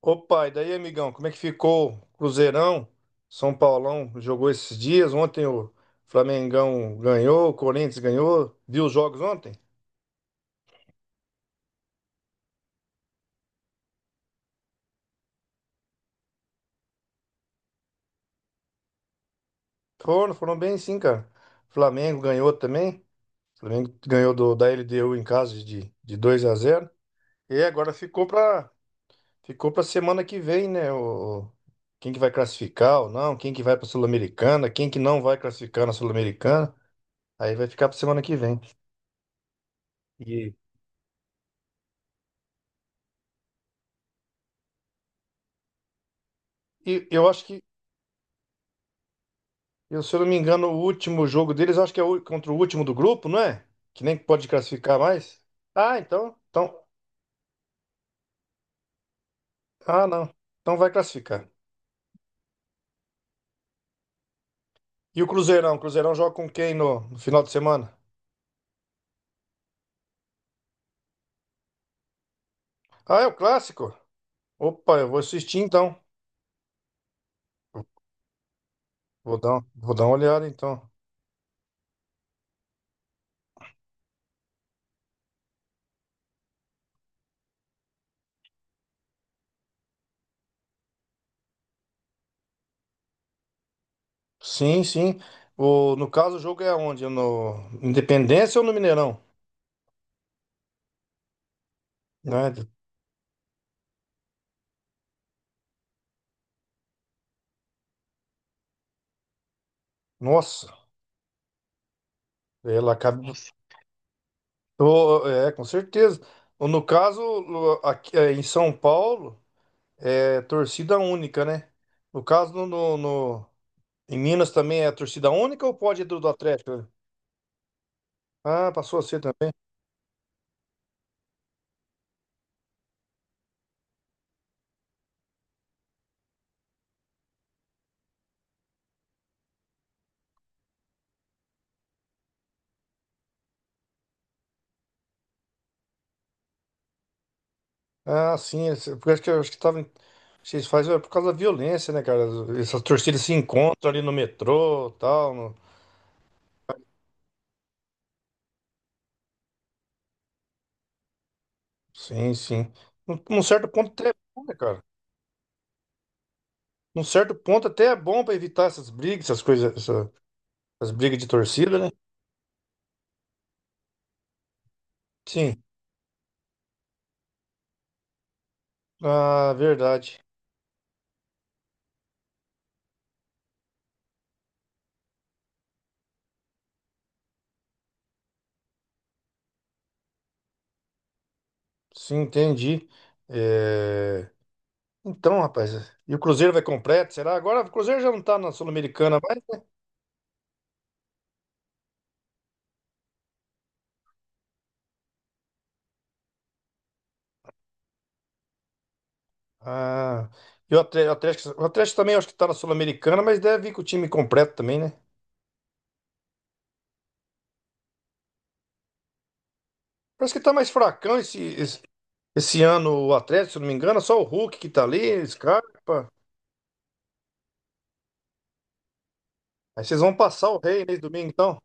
Opa, e daí, amigão, como é que ficou o Cruzeirão? São Paulão jogou esses dias. Ontem o Flamengão ganhou, o Corinthians ganhou. Viu os jogos ontem? Foram bem sim, cara. Flamengo ganhou também. Flamengo ganhou da LDU em casa de 2-0. E agora ficou pra semana que vem, né? Quem que vai classificar ou não, quem que vai pra Sul-Americana, quem que não vai classificar na Sul-Americana. Aí vai ficar pra semana que vem. E, e eu acho que Eu, se eu não me engano, o último jogo deles, acho que é contra o último do grupo, não é? Que nem pode classificar mais. Ah, então, ah, não. Então vai classificar. E o Cruzeirão? O Cruzeirão joga com quem no final de semana? Ah, é o clássico? Opa, eu vou assistir então. Vou dar uma olhada então. Sim, sim. No caso, o jogo é onde? No Independência ou no Mineirão? Né? Nossa, ela acaba. Ô, é, com certeza. Ou no caso, aqui, é, em São Paulo. É torcida única, né? No caso, em Minas também é torcida única ou pode ir do Atlético? Ah, passou a ser também. Ah, sim. Porque acho que tava, vocês fazem é por causa da violência, né, cara? Essas torcidas se encontram ali no metrô tal. Sim, sim. Num certo ponto até é bom, né, cara? Num certo ponto até é bom pra evitar essas brigas, essas coisas, essas brigas de torcida, né? Sim. Ah, verdade. Sim, entendi. É... Então, rapaz, e o Cruzeiro vai completo, será? Agora o Cruzeiro já não tá na Sul-Americana mais, né? Ah, e o Atlético, o Atlético também acho que tá na Sul-Americana, mas deve vir com o time completo também, né? Parece que tá mais fracão esse ano o Atlético, se eu não me engano, é só o Hulk que tá ali, Scarpa. Aí vocês vão passar o rei nesse domingo, então.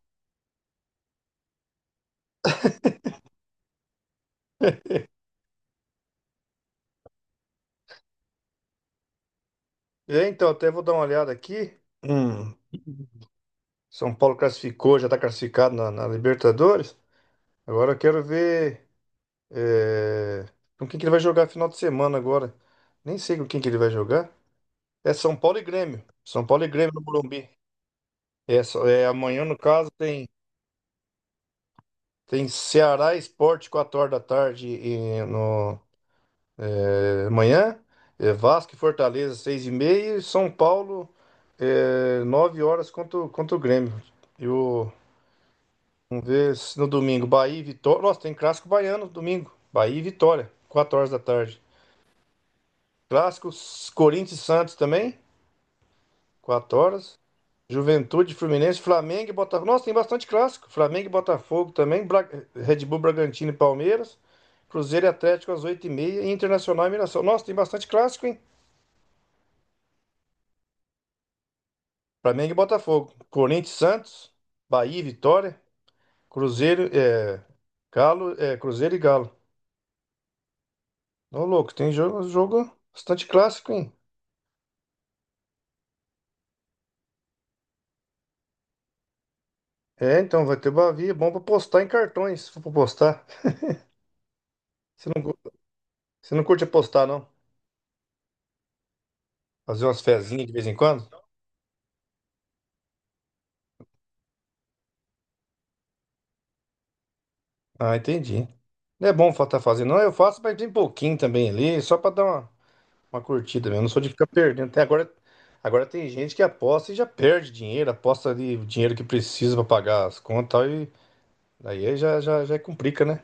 É, então, até vou dar uma olhada aqui. São Paulo classificou, já tá classificado na Libertadores. Agora eu quero ver. É, Com quem que ele vai jogar final de semana agora? Nem sei com quem que ele vai jogar. É São Paulo e Grêmio. São Paulo e Grêmio no Morumbi. Amanhã, no caso, tem Ceará Esporte, 4 horas da tarde e no, é, amanhã. Vasco e Fortaleza, 18h30. E São Paulo, 9 horas contra o Grêmio. E o, Vamos ver se no domingo, Bahia e Vitória. Nossa, tem clássico baiano no domingo. Bahia e Vitória, 4 horas da tarde. Clássicos Corinthians e Santos também. 4 horas. Juventude, Fluminense, Flamengo e Botafogo. Nossa, tem bastante clássico. Flamengo e Botafogo também. Red Bull, Bragantino e Palmeiras. Cruzeiro e Atlético às 20h30. E Internacional e Mirassol. Nossa, tem bastante clássico, hein? Flamengo e Botafogo. Corinthians e Santos. Bahia e Vitória. Cruzeiro, é, Cruzeiro e Galo. Ô, louco, tem jogo bastante clássico, hein? É, então, vai ter Bavia. Bom pra postar em cartões, se for pra postar. Você não, cu- você não curte apostar, não? Fazer umas fezinhas de vez em quando? Ah, entendi. Não é bom estar fazendo, não. Eu faço, mas tem pouquinho também ali, só para dar uma, curtida mesmo. Não sou de ficar perdendo. Agora tem gente que aposta e já perde dinheiro, aposta ali o dinheiro que precisa para pagar as contas e tal, e daí já complica, né?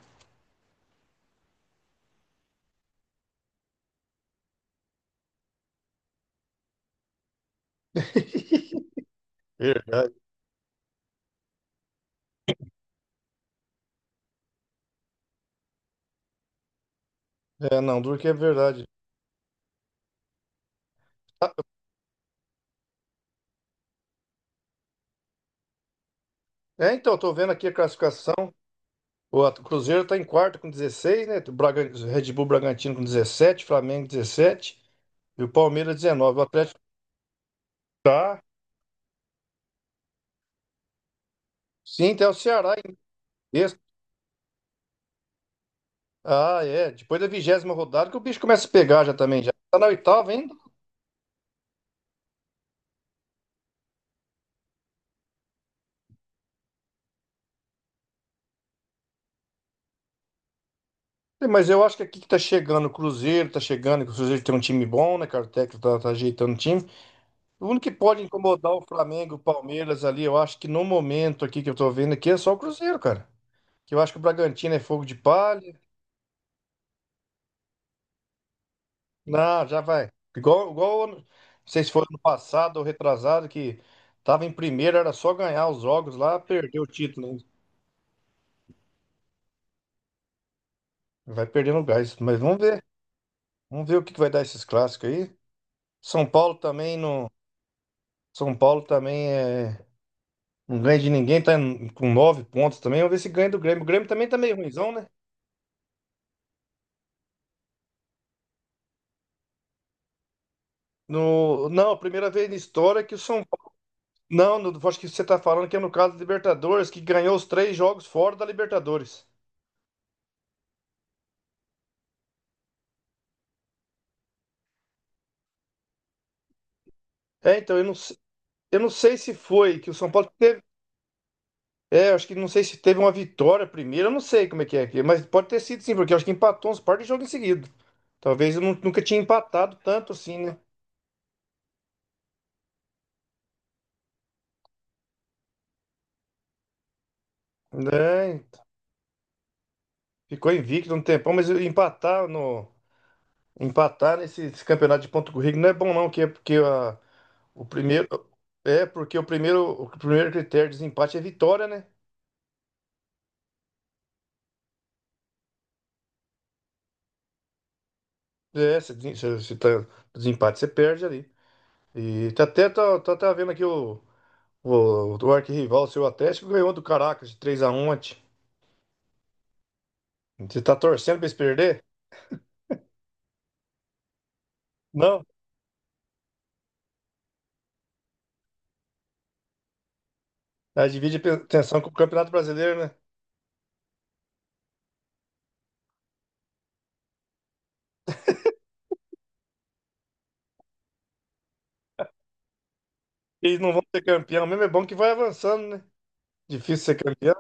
Verdade. É, não, duro que é verdade. Ah, então, tô vendo aqui a classificação. O Cruzeiro tá em quarto com 16, né? O Red Bull Bragantino com 17, Flamengo 17 e o Palmeiras 19. O Atlético tá. Sim, até o Ceará em sexto. Ah, é. Depois da 20ª rodada que o bicho começa a pegar já também. Já tá na oitava ainda. Mas eu acho que aqui que tá chegando o Cruzeiro, tá chegando, que o Cruzeiro tem um time bom, né, cara? O técnico tá ajeitando o time. O único que pode incomodar o Flamengo, o Palmeiras ali, eu acho que no momento aqui que eu tô vendo aqui é só o Cruzeiro, cara. Que eu acho que o Bragantino é fogo de palha. Não, já vai. Não sei se foi ano passado ou retrasado, que tava em primeiro, era só ganhar os jogos lá, perdeu o título, né? Vai perdendo o gás, mas vamos ver. Vamos ver o que que vai dar esses clássicos aí. São Paulo também não. São Paulo também é. Não ganha de ninguém, tá com 9 pontos também. Vamos ver se ganha do Grêmio. O Grêmio também tá meio ruinzão, né? No... Não, a primeira vez na história que o São Paulo. Não, acho que você tá falando que é no caso da Libertadores, que ganhou os 3 jogos fora da Libertadores. É, então, eu não sei se foi que o São Paulo teve. É, acho que não sei se teve uma vitória primeiro, eu não sei como é que é aqui, mas pode ter sido sim, porque eu acho que empatou uns par de jogos em seguida. Talvez eu nunca tinha empatado tanto assim, né? É, ficou invicto um tempão, mas empatar no empatar nesse, esse campeonato de ponto corrido não é bom não, que é porque a, o primeiro é porque o primeiro critério de desempate é vitória, né? É, se, desen- se tá desempate você perde ali. E tá até vendo aqui o arquirrival, o seu Atlético ganhou do Caracas de 3-1 ontem. Você tá torcendo pra eles perder? Não. Aí divide a atenção com o Campeonato Brasileiro, né? Eles não vão ser campeão mesmo, é bom que vai avançando, né? Difícil ser campeão.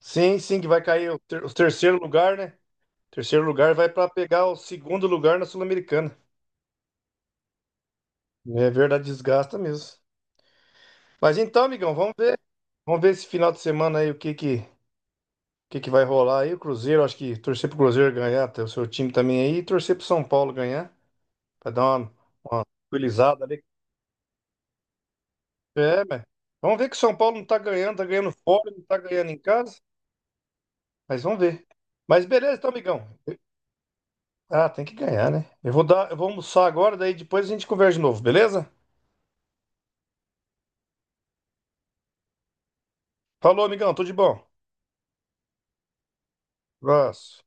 Sim, sim, que vai cair o terceiro lugar, né? Terceiro lugar vai para pegar o segundo lugar na Sul-Americana. É verdade, desgasta mesmo. Mas então, amigão, vamos ver. Vamos ver esse final de semana aí o que que vai rolar aí. O Cruzeiro, acho que torcer pro Cruzeiro ganhar, ter o seu time também aí, e torcer pro São Paulo ganhar, pra dar uma tranquilizada ali. É, mas vamos ver que o São Paulo não tá ganhando, tá ganhando fora, não tá ganhando em casa, mas vamos ver. Mas beleza, então, amigão. Ah, tem que ganhar, né? Eu vou almoçar agora, daí depois a gente conversa de novo, beleza? Falou, amigão, tudo de bom. Abraço.